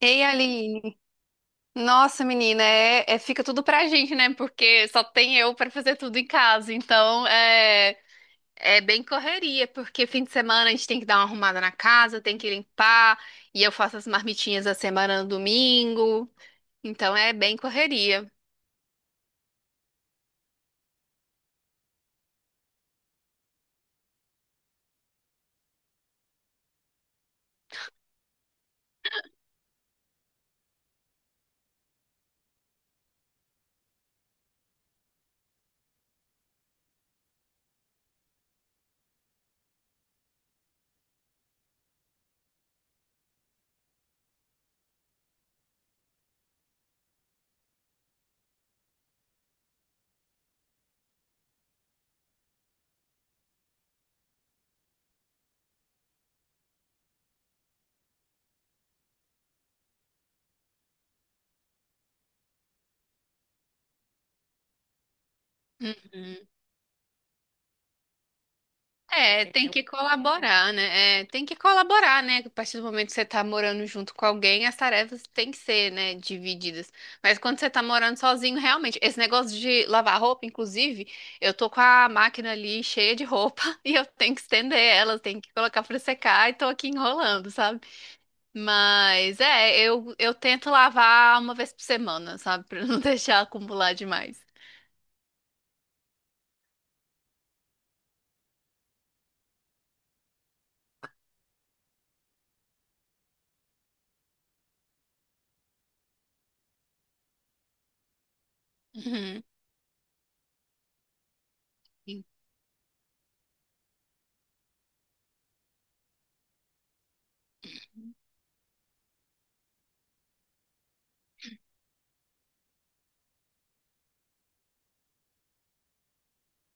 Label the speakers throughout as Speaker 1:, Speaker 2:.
Speaker 1: Ei, Aline. Nossa, menina, fica tudo pra gente, né? Porque só tem eu pra fazer tudo em casa. Então, é bem correria, porque fim de semana a gente tem que dar uma arrumada na casa, tem que limpar, e eu faço as marmitinhas da semana no domingo. Então, é bem correria. Uhum. É, tem entendeu? Que colaborar, né? É, tem que colaborar, né? A partir do momento que você tá morando junto com alguém, as tarefas têm que ser, né, divididas. Mas quando você tá morando sozinho, realmente, esse negócio de lavar roupa, inclusive, eu tô com a máquina ali cheia de roupa e eu tenho que estender elas, tenho que colocar pra secar e tô aqui enrolando, sabe? Mas é, eu tento lavar uma vez por semana, sabe? Pra não deixar acumular demais. Uhum.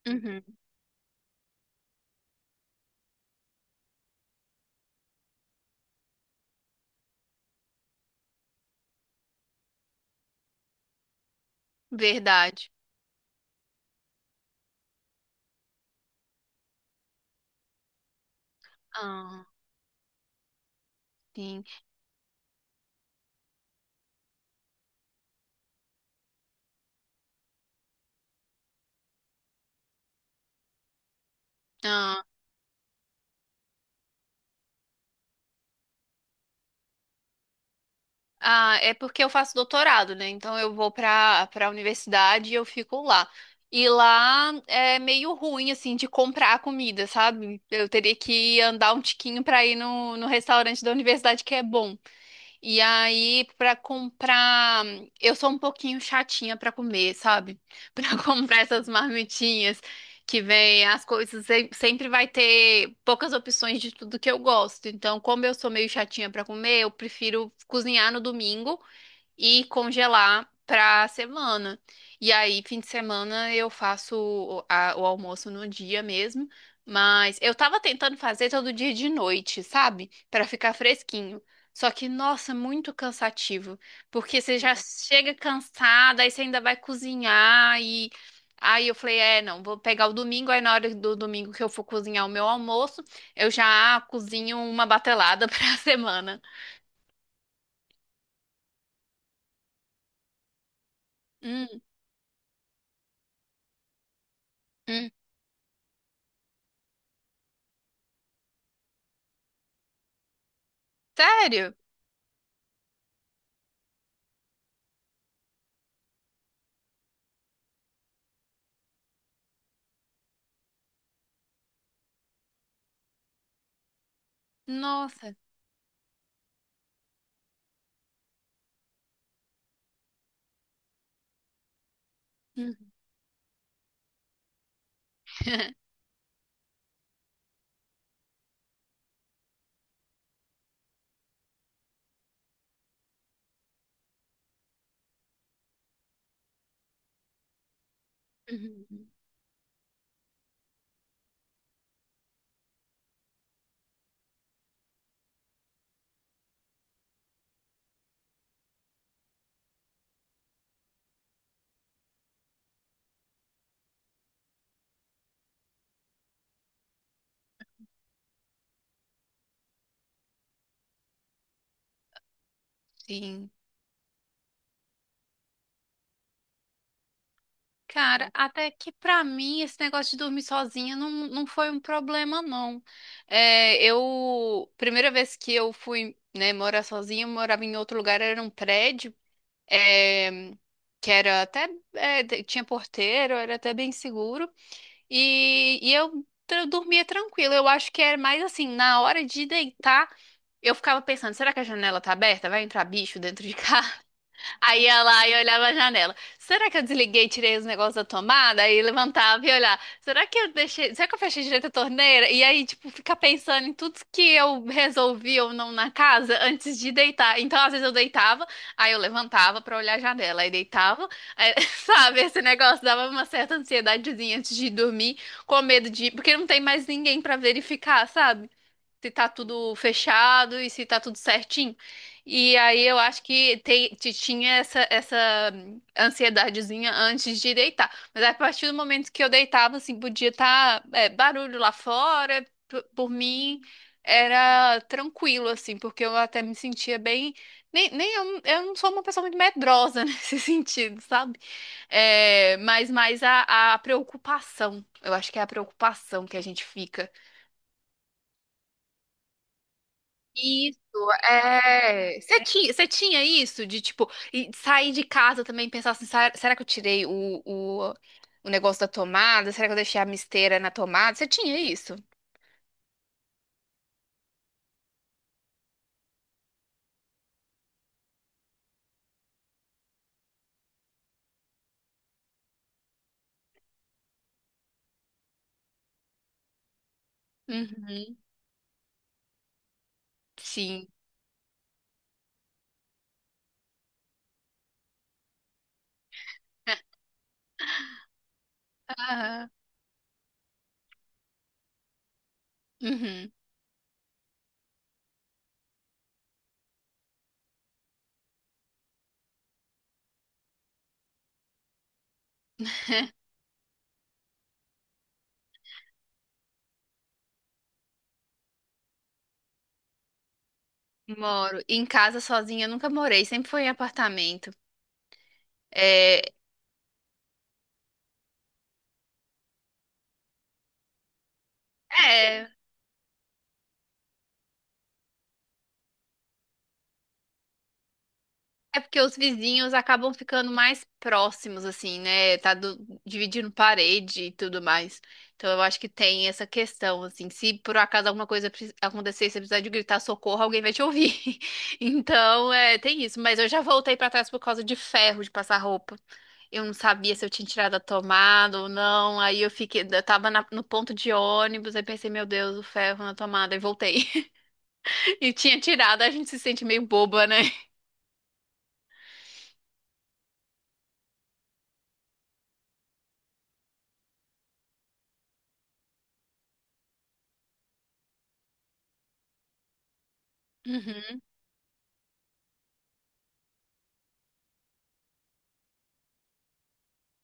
Speaker 1: Uhum. Verdade. Ah, sim. Ah, é porque eu faço doutorado, né? Então eu vou para a universidade e eu fico lá. E lá é meio ruim, assim, de comprar a comida, sabe? Eu teria que andar um tiquinho para ir no restaurante da universidade que é bom. E aí, pra comprar, eu sou um pouquinho chatinha pra comer, sabe? Pra comprar essas marmitinhas que vem as coisas, sempre vai ter poucas opções de tudo que eu gosto. Então, como eu sou meio chatinha pra comer, eu prefiro cozinhar no domingo e congelar pra semana. E aí, fim de semana, eu faço o almoço no dia mesmo. Mas eu tava tentando fazer todo dia de noite, sabe? Pra ficar fresquinho. Só que, nossa, muito cansativo. Porque você já chega cansada, aí você ainda vai cozinhar e. Aí eu falei, é, não, vou pegar o domingo, aí na hora do domingo que eu for cozinhar o meu almoço, eu já cozinho uma batelada pra semana. Hum, hum. Sério? Nossa. Uhum. Uhum. Sim. Cara, até que pra mim esse negócio de dormir sozinha não, não foi um problema, não. É, eu, primeira vez que eu fui, né, morar sozinha, eu morava em outro lugar, era um prédio, é, que era até, tinha porteiro, era até bem seguro, e, dormia tranquila. Eu acho que era mais assim, na hora de deitar, eu ficava pensando, será que a janela tá aberta? Vai entrar bicho dentro de casa? Aí ia lá e olhava a janela. Será que eu desliguei e tirei os negócios da tomada? Aí levantava e olhava. Será que eu deixei. Será que eu fechei direito a torneira? E aí, tipo, ficar pensando em tudo que eu resolvi ou não na casa antes de deitar. Então, às vezes eu deitava, aí eu levantava pra olhar a janela. Aí deitava, aí, sabe? Esse negócio dava uma certa ansiedadezinha antes de dormir, com medo de. Porque não tem mais ninguém pra verificar, sabe? Se tá tudo fechado e se tá tudo certinho. E aí eu acho que te- te tinha essa ansiedadezinha antes de deitar. Mas a partir do momento que eu deitava, assim, podia estar barulho lá fora, por mim era tranquilo, assim, porque eu até me sentia bem. Nem, nem eu, eu não sou uma pessoa muito medrosa nesse sentido, sabe? É, mas mais a preocupação. Eu acho que é a preocupação que a gente fica. Isso, é. Você tinha isso de, tipo, e sair de casa também e pensar assim: será que eu tirei o negócio da tomada? Será que eu deixei a misteira na tomada? Você tinha isso? Uhum, sim. Aham. Uhum. Moro. Em casa sozinha eu nunca morei, sempre foi em apartamento. É, é. É porque os vizinhos acabam ficando mais próximos, assim, né? Dividindo parede e tudo mais. Então eu acho que tem essa questão, assim. Se por acaso alguma coisa acontecer, e você precisar de gritar socorro, alguém vai te ouvir. Então, é, tem isso. Mas eu já voltei pra trás por causa de ferro de passar roupa. Eu não sabia se eu tinha tirado a tomada ou não. Aí eu fiquei, eu tava no ponto de ônibus, aí pensei, meu Deus, o ferro na tomada, e voltei. E tinha tirado, a gente se sente meio boba, né? Uhum,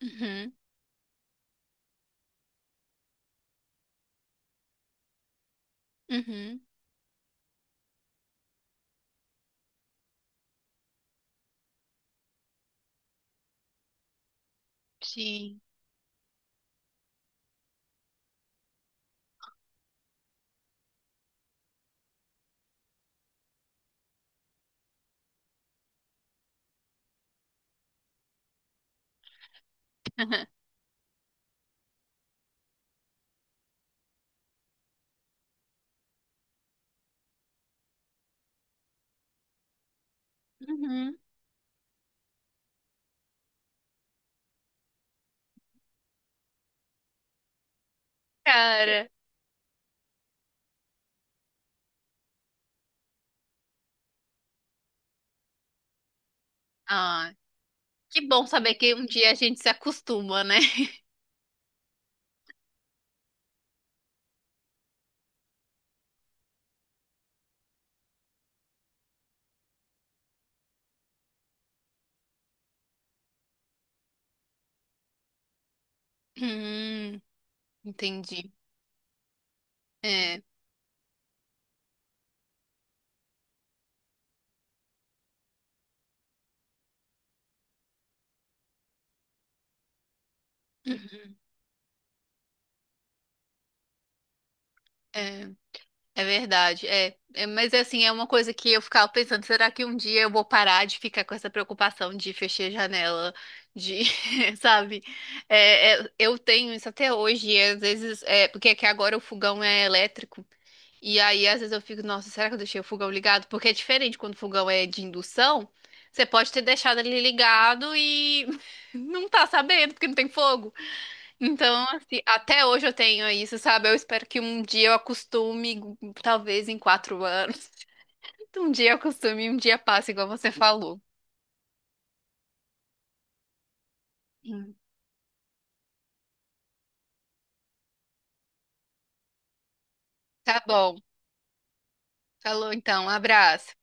Speaker 1: uhum. Uhum, sim. Aham. Uhum, cara. Ah, que bom saber que um dia a gente se acostuma, né? Hum, entendi. É, uhum, é, é verdade. É, é, mas assim, é uma coisa que eu ficava pensando, será que um dia eu vou parar de ficar com essa preocupação de fechar a janela, de, sabe? É, é, eu tenho isso até hoje, e às vezes, é, porque é que agora o fogão é elétrico. E aí, às vezes eu fico, nossa, será que eu deixei o fogão ligado? Porque é diferente quando o fogão é de indução. Você pode ter deixado ele ligado e não tá sabendo, porque não tem fogo. Então, assim, até hoje eu tenho isso, sabe? Eu espero que um dia eu acostume, talvez em 4 anos. Um dia eu acostume, um dia passa, igual você falou. Hum. Tá bom. Falou então, um abraço.